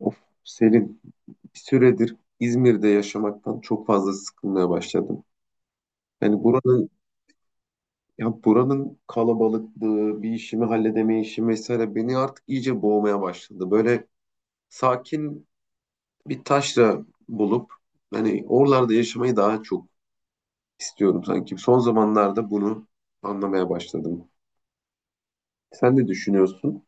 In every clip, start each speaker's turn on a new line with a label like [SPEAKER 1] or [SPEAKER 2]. [SPEAKER 1] Of Selin, bir süredir İzmir'de yaşamaktan çok fazla sıkılmaya başladım. Yani buranın buranın kalabalıklığı, bir işimi halledemeyişim mesela beni artık iyice boğmaya başladı. Böyle sakin bir taşra bulup hani oralarda yaşamayı daha çok istiyorum sanki. Son zamanlarda bunu anlamaya başladım. Sen ne düşünüyorsun?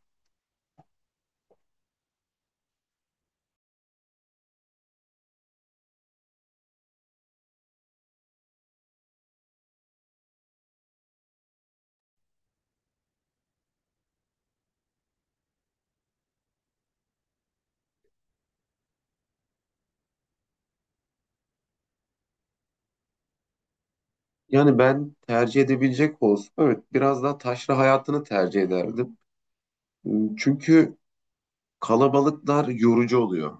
[SPEAKER 1] Yani ben tercih edebilecek olsam evet biraz daha taşra hayatını tercih ederdim. Çünkü kalabalıklar yorucu oluyor.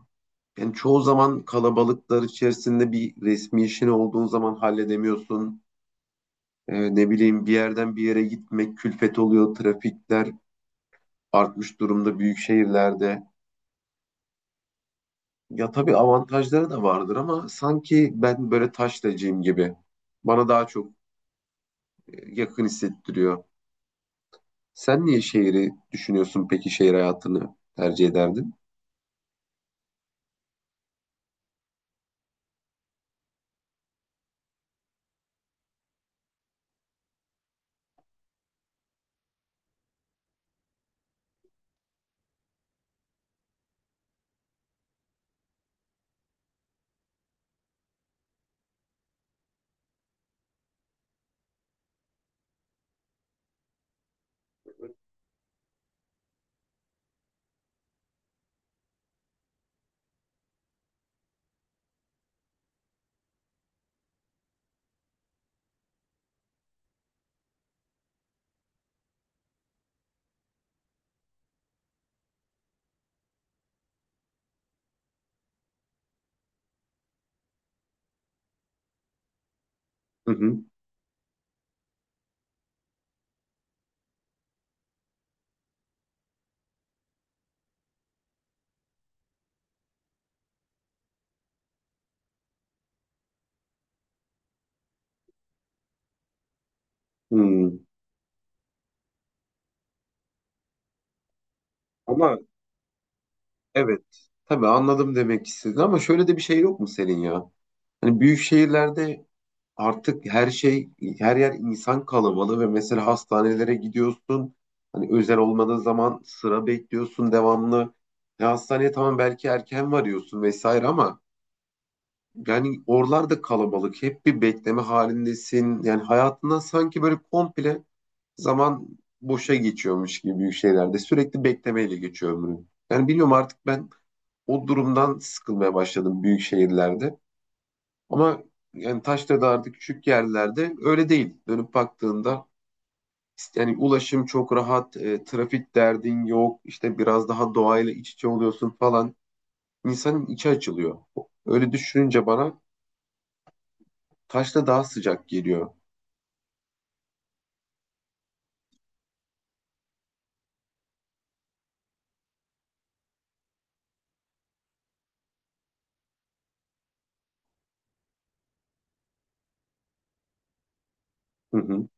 [SPEAKER 1] Yani çoğu zaman kalabalıklar içerisinde bir resmi işin olduğun zaman halledemiyorsun. Ne bileyim bir yerden bir yere gitmek külfet oluyor, trafikler artmış durumda büyük şehirlerde. Ya tabii avantajları da vardır ama sanki ben böyle taşlacıyım gibi. Bana daha çok e, yakın hissettiriyor. Sen niye şehri düşünüyorsun peki, şehir hayatını tercih ederdin? Hı hı. Hmm. Ama evet, tabii anladım demek istedin ama şöyle de bir şey yok mu senin ya? Hani büyük şehirlerde artık her şey, her yer insan kalabalığı ve mesela hastanelere gidiyorsun. Hani özel olmadığı zaman sıra bekliyorsun devamlı. Ya hastaneye tamam belki erken varıyorsun vesaire ama yani oralarda kalabalık. Hep bir bekleme halindesin. Yani hayatından sanki böyle komple zaman boşa geçiyormuş gibi büyük şeylerde. Sürekli beklemeyle geçiyor ömrün. Yani bilmiyorum artık ben o durumdan sıkılmaya başladım büyük şehirlerde. Ama yani Taşdağ'da küçük yerlerde öyle değil. Dönüp baktığında işte yani ulaşım çok rahat, trafik derdin yok, işte biraz daha doğayla iç içe oluyorsun falan. İnsanın içi açılıyor. Öyle düşününce bana Taşda daha sıcak geliyor. Hı hı.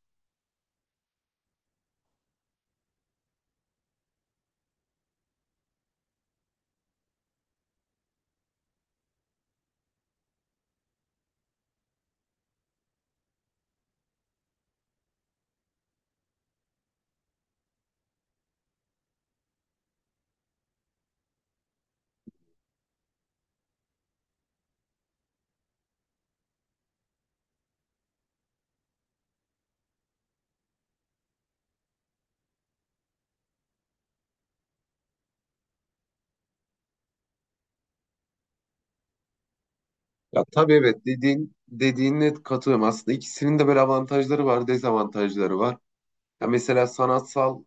[SPEAKER 1] Ya tabii, evet, dediğine katılıyorum. Aslında ikisinin de böyle avantajları var, dezavantajları var. Ya mesela sanatsal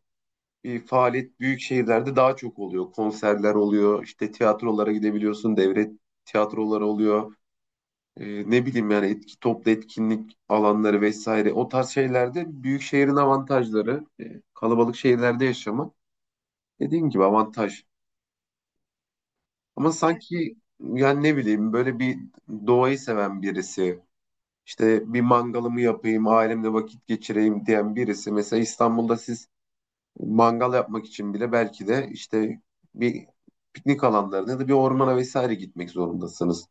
[SPEAKER 1] bir faaliyet büyük şehirlerde daha çok oluyor. Konserler oluyor, işte tiyatrolara gidebiliyorsun, devlet tiyatroları oluyor. Ne bileyim yani etki, toplu etkinlik alanları vesaire o tarz şeylerde büyük şehrin avantajları, kalabalık şehirlerde yaşamak dediğim gibi avantaj. Ama sanki yani ne bileyim böyle bir doğayı seven birisi, işte bir mangalımı yapayım ailemle vakit geçireyim diyen birisi mesela İstanbul'da siz mangal yapmak için bile belki de işte bir piknik alanlarına ya da bir ormana vesaire gitmek zorundasınız.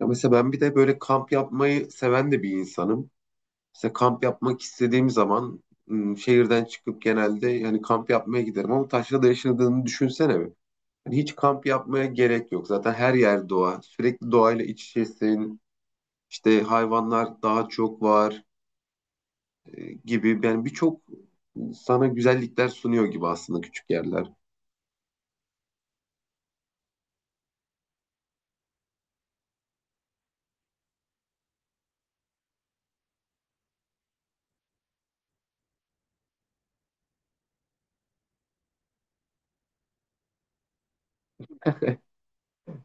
[SPEAKER 1] Ya mesela ben bir de böyle kamp yapmayı seven de bir insanım. İşte kamp yapmak istediğim zaman şehirden çıkıp genelde yani kamp yapmaya giderim ama taşrada yaşadığını düşünsene bir. Yani hiç kamp yapmaya gerek yok. Zaten her yer doğa. Sürekli doğayla iç içesin. İşte hayvanlar daha çok var, gibi. Yani birçok sana güzellikler sunuyor gibi aslında küçük yerler.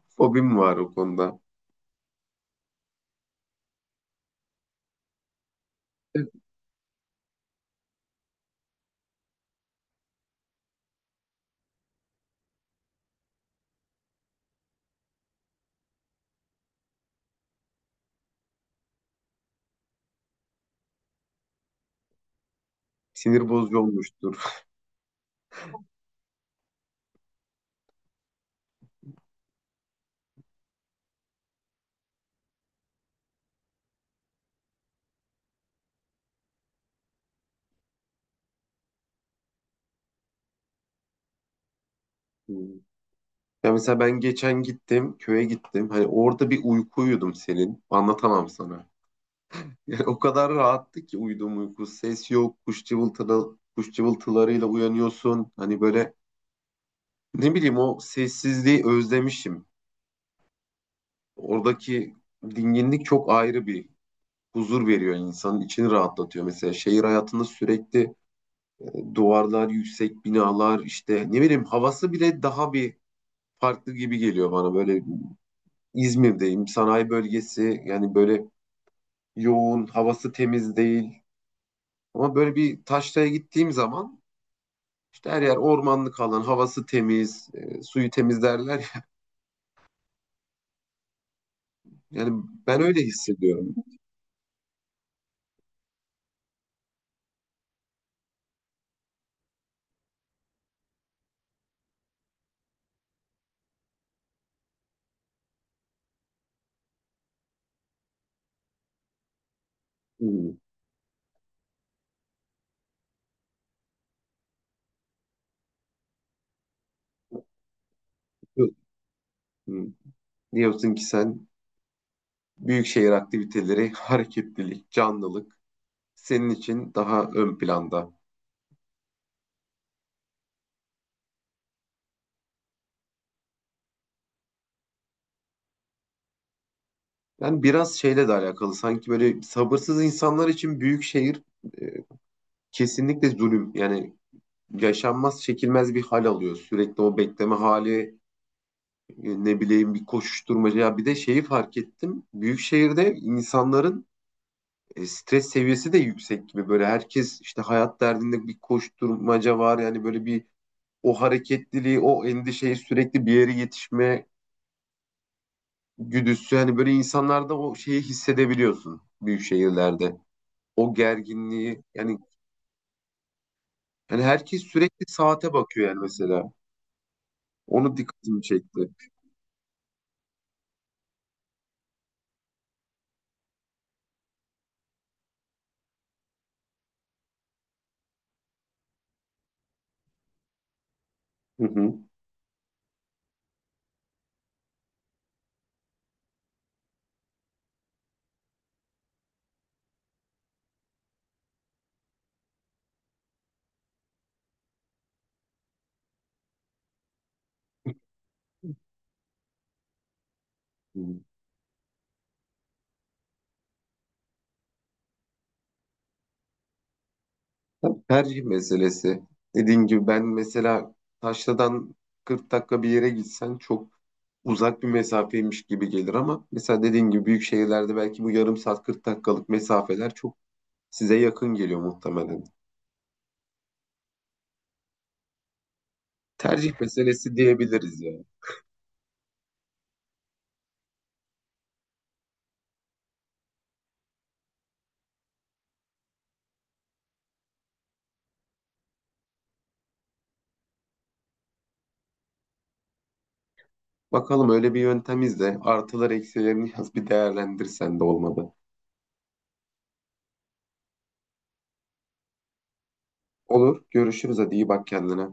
[SPEAKER 1] Fobim var o konuda. Sinir bozucu olmuştur. Hmm. Ya mesela ben geçen gittim, köye gittim. Hani orada bir uyku uyudum senin. Anlatamam sana. Yani o kadar rahattı ki uyuduğum uyku. Ses yok, kuş cıvıltıları, kuş cıvıltılarıyla uyanıyorsun. Hani böyle ne bileyim o sessizliği özlemişim. Oradaki dinginlik çok ayrı bir huzur veriyor, insanın içini rahatlatıyor. Mesela şehir hayatında sürekli e, duvarlar, yüksek binalar, işte ne bileyim havası bile daha bir farklı gibi geliyor bana. Böyle İzmir'deyim, sanayi bölgesi, yani böyle yoğun, havası temiz değil. Ama böyle bir taşraya gittiğim zaman İşte her yer ormanlık alan, havası temiz, suyu temiz derler. Yani ben öyle hissediyorum. Hmm. Hmm. Diyorsun ki sen büyük şehir aktiviteleri, hareketlilik, canlılık senin için daha ön planda. Yani biraz şeyle de alakalı, sanki böyle sabırsız insanlar için büyük şehir e, kesinlikle zulüm. Yani yaşanmaz, çekilmez bir hal alıyor. Sürekli o bekleme hali, ne bileyim bir koşuşturmaca. Ya bir de şeyi fark ettim. Büyük şehirde insanların stres seviyesi de yüksek gibi, böyle herkes işte hayat derdinde, bir koşturmaca var yani, böyle bir o hareketliliği, o endişeyi, sürekli bir yere yetişme güdüsü hani, böyle insanlarda o şeyi hissedebiliyorsun büyük şehirlerde, o gerginliği yani, yani herkes sürekli saate bakıyor yani mesela onu dikkatimi çekti. Hı hı. Tabii, tercih meselesi. Dediğim gibi ben mesela Taşla'dan 40 dakika bir yere gitsen çok uzak bir mesafeymiş gibi gelir ama mesela dediğim gibi büyük şehirlerde belki bu yarım saat, 40 dakikalık mesafeler çok size yakın geliyor muhtemelen. Tercih meselesi diyebiliriz ya. Bakalım, öyle bir yöntem izle. Artılar eksilerini yaz bir, değerlendirsen de olmadı. Olur. Görüşürüz. Hadi iyi bak kendine.